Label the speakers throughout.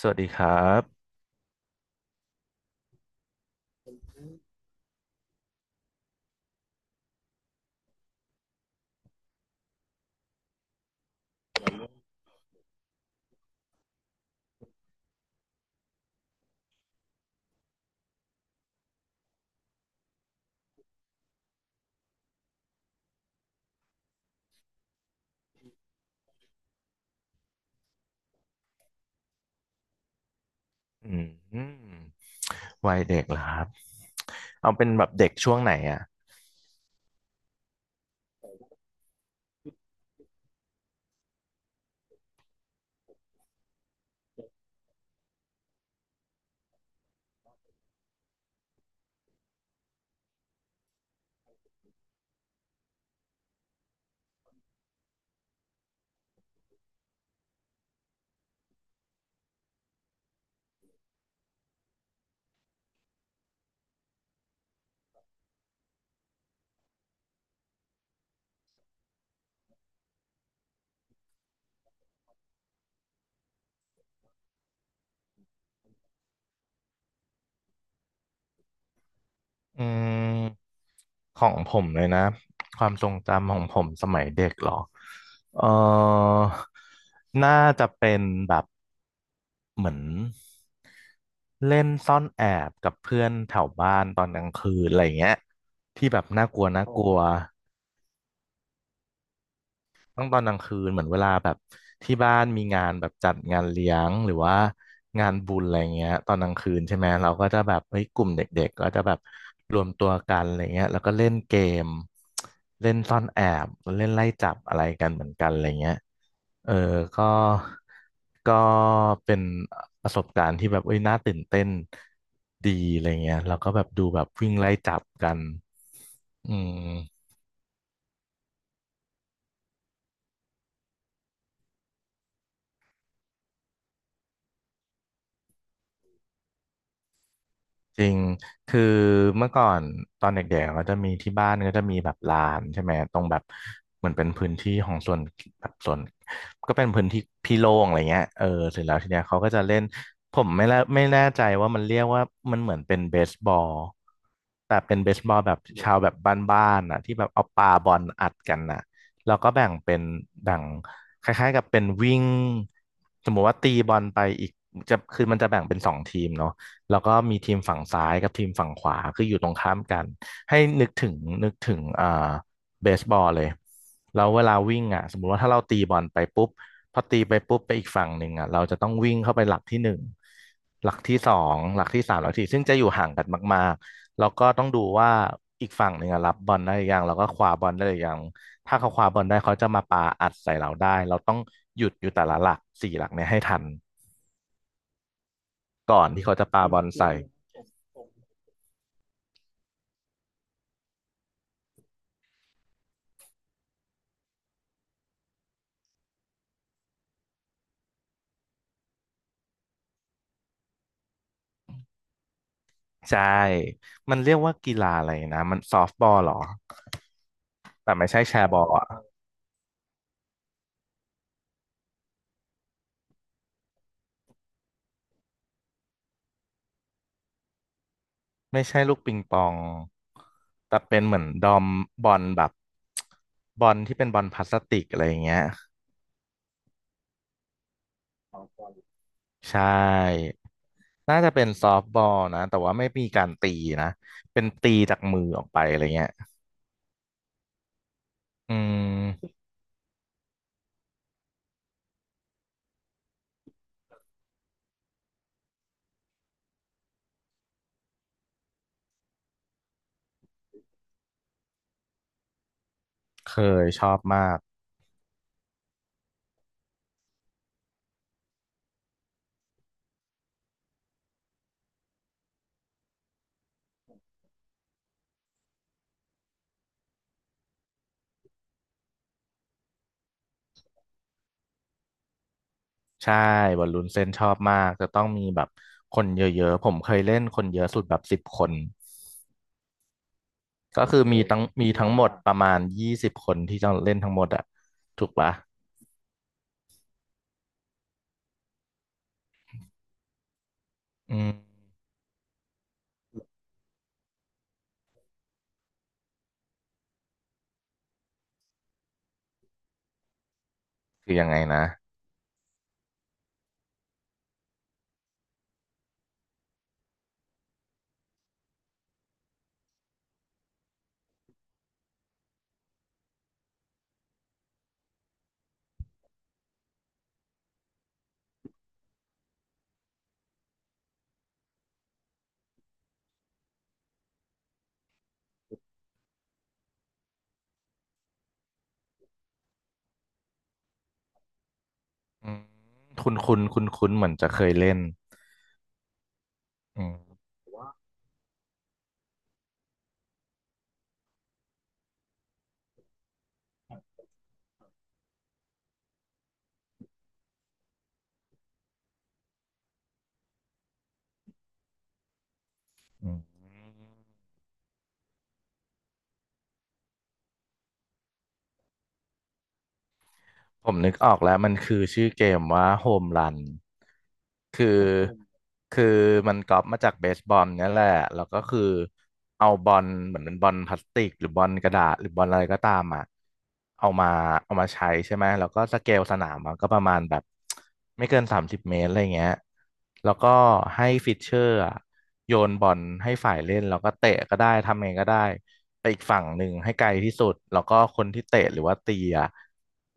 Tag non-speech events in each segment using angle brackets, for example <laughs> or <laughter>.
Speaker 1: สวัสดีครับอืมวัยเด็กเหรอครับเอาเป็นแบบเด็กช่วงไหนอ่ะอืมของผมเลยนะความทรงจำของผมสมัยเด็กเหรอเออน่าจะเป็นแบบเหมือนเล่นซ่อนแอบกับเพื่อนแถวบ้านตอนกลางคืนอะไรอย่างเงี้ยที่แบบน่ากลัวน่ากลัว ต้องตอนกลางคืนเหมือนเวลาแบบที่บ้านมีงานแบบจัดงานเลี้ยงหรือว่างานบุญอะไรเงี้ยตอนกลางคืนใช่ไหมเราก็จะแบบเฮ้ยกลุ่มเด็กๆก็จะแบบรวมตัวกันอะไรเงี้ยแล้วก็เล่นเกมเล่นซ่อนแอบเล่นไล่จับอะไรกันเหมือนกันอะไรเงี้ยเออก็ก็เป็นประสบการณ์ที่แบบเอ้ยน่าตื่นเต้นดีอะไรเงี้ยเราก็แบบดูแบบวิ่งไล่จับกันอืม จริง คือเมื่อก่อนตอนเด็กๆก็จะมีที่บ้านก็จะมีแบบลานใช่ไหมตรงแบบเหมือนเป็นพื้นที่ของส่วนแบบส่วนก็เป็นพื้นที่พี่โล่งอะไรเงี้ยเออเสร็จแล้วทีเนี้ยเขาก็จะเล่นผมไม่แน่ใจว่ามันเรียกว่ามันเหมือนเป็นเบสบอลแต่เป็นเบสบอลแบบชาวแบบบ้านๆอ่ะที่แบบเอาปาบอลอัดกันน่ะแล้วก็แบ่งคล้ายๆกับเป็นวิ่งสมมติว่าตีบอลไปอีกจะคือมันจะแบ่งเป็นสองทีมเนาะ แล้วก็มีทีมฝั่งซ้ายกับทีมฝั่งขวาคืออยู่ตรงข้ามกันให้นึกถึงเบสบอลเลยแล้วเวลาวิ่งอ่ะสมมุติว่าถ้าเราตีบอลไปปุ๊บพอตีไปปุ๊บไปอีกฝั่งหนึ่งอ่ะเราจะต้องวิ่งเข้าไปหลักที่หนึ่งหลักที่สองหลักที่สามหลักที่สี่ซึ่งจะอยู่ห่างกันมากๆแล้วก็ต้องดูว่าอีกฝั่งหนึ่งอะรับบอลได้หรือยังแล้วก็คว้าบอลได้หรือยังถ้าเขาคว้าบอลได้เขาจะมาปาอัดใส่เราได้เราต้องหยุดอยู่แต่ละหลักสี่หลักเนี่ยให้ทันก่อนที่เขาจะปาบอลใส่ ใช่ มันเรียกว่ากีฬาอะไรนะ มันซอฟต์บอลเหรอ แต่ไม่ใช่แชร์บอลอ่ะไม่ใช่ลูกปิงปอง แต่เป็นเหมือนดอมบอลแบบบอลที่เป็นบอลพลาสติกอะไรอย่างเงี้ยใช่ น่าจะเป็นซอฟต์บอลนะแต่ว่าไม่มีการตีนะ เป็นตีจากมือออกไปอะไรเงี้ยอืมเคยชอบมาก ใช่บอลลูนเส้นชอบมาก จะต้องมีแบบคนเยอะๆ ผมเคยเล่นคนเยอะสุดแบบ10 คน ก็คือมีทั้งหมดประมาณ20 คนที่จะเล่นทั้งหมดอะถูกปะอืมคือยังไงนะอืมคุณเหมือนจะเคยเล่นอืมอืมผมนึกออกแล้วมันคือชื่อเกมว่าโฮมรัน คือคือมันก๊อปมาจากเบสบอลเนี่ยแหละแล้วก็คือเอาบอลเหมือนเป็นบอลพลาสติกหรือบอลกระดาษหรือบอลอะไรก็ตามอ่ะเอามาเอามาใช้ใช่ไหมแล้วก็สเกลสนามมันก็ประมาณแบบไม่เกิน30 เมตรอะไรเงี้ยแล้วก็ให้ฟิชเชอร์อะโยนบอลให้ฝ่ายเล่นแล้วก็เตะก็ได้ทำไงก็ได้ไปอีกฝั่งหนึ่งให้ไกลที่สุดแล้วก็คนที่เตะหรือว่าตีอะ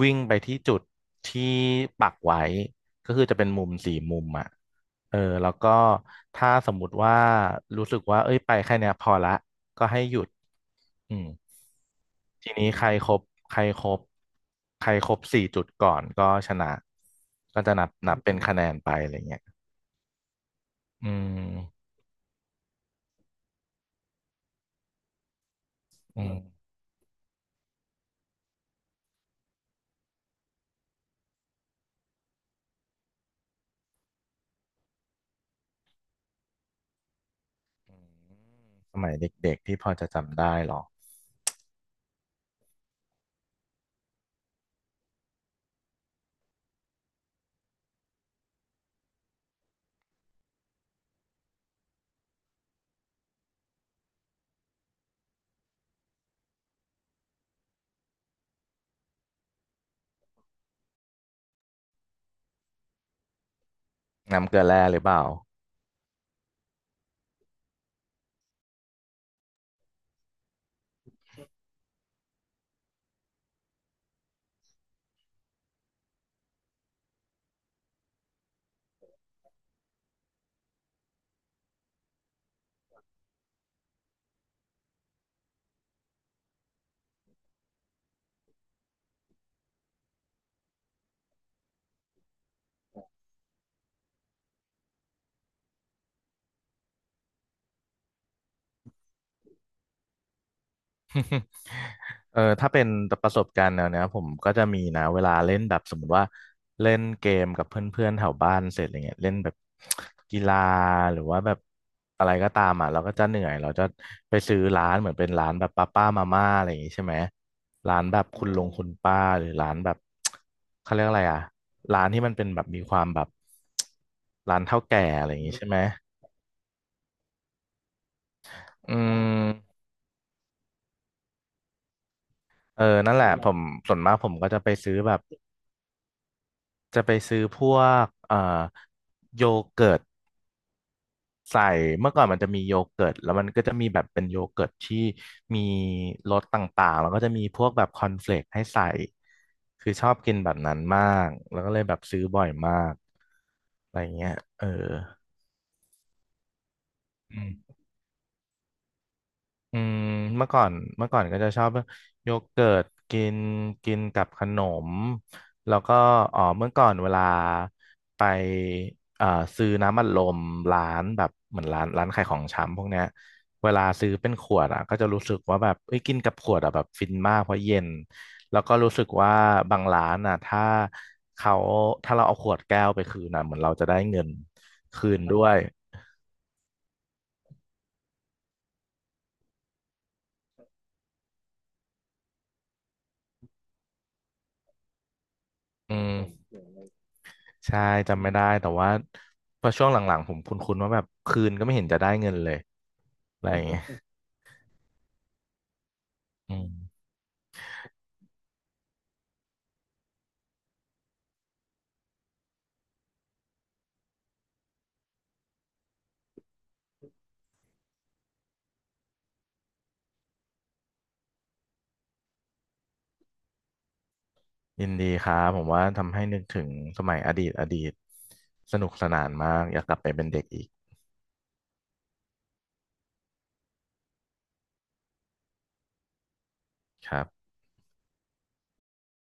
Speaker 1: วิ่งไปที่จุดที่ปักไว้ ก็คือจะเป็นมุมสี่มุมอ่ะเออ แล้วก็ถ้าสมมุติว่ารู้สึกว่าเอ้ยไปแค่เนี้ยพอละก็ให้หยุดอืมทีนี้ใครครบ ใครครบสี่จุดก่อนก็ชนะก็จะนับเป็นคะแนนไปอะไรเงี้ยอืมอืมสมัยเด็กๆที่พอจะจำได้หรอน้ำเกลือแร่หรือเปล่า <laughs> เออถ้าเป็นประสบการณ์แนวเนี้ยผมก็จะมีนะเวลาเล่นแบบสมมติว่าเล่นเกมกับเพื่อนๆแถวบ้านเสร็จอะไรเงี้ยเล่นแบบกีฬาหรือว่าแบบอะไรก็ตามอ่ะเราก็จะเหนื่อยเราจะไปซื้อร้านเหมือนเป็นร้านแบบป้ามาม่าอะไรอย่างงี้ใช่ไหมร้านแบบคุณลุงคุณป้าหรือร้านแบบ <tsk> เขาเรียกอะไรอ่ะร้านที่มันเป็นแบบมีความแบบร้านเฒ่าแก่อะไรอย่างงี้ใช่ไหมอือมนั่นแหละผมส่วนมากผมก็จะไปซื้อแบบ จะไปซื้อพวกโยเกิร์ตใส่เมื่อก่อนมันจะมีโยเกิร์ตแล้วมันก็จะมีแบบเป็นโยเกิร์ตที่มีรสต่างๆแล้วก็จะมีพวกแบบคอนเฟลกให้ใส่คือชอบกินแบบนั้นมากแล้วก็เลยแบบซื้อบ่อยมากอะไรเงี้ยเอออืม อืมเมื่อก่อนเมื่อก่อนก็จะชอบโยเกิร์ตกินกินกับขนมแล้วก็อ๋อเมื่อก่อนเวลาไปเอ่อซื้อน้ำอัดลมร้านแบบเหมือนร้านขายของชำพวกเนี้ยเวลาซื้อเป็นขวดอ่ะก็จะรู้สึกว่าแบบเอ้ยกินกับขวดอ่ะแบบฟินมากเพราะเย็นแล้วก็รู้สึกว่าบางร้านอ่ะเขาถ้าเราเอาขวดแก้วไปคืนอ่ะเหมือนเราจะได้เงินคืนด้วยอืม ใช่จำไม่ได้แต่ว่าพอช่วงหลังๆผมคุ้นๆว่าแบบคืนก็ไม่เห็นจะได้เงินเลยอะไรอย่างเงี้ยอืมยินดีครับผมว่าทำให้นึกถึงสมัยอดีตอดีตสนุกสนานมากอยากกลับไปเป็นเด็กอีกครับ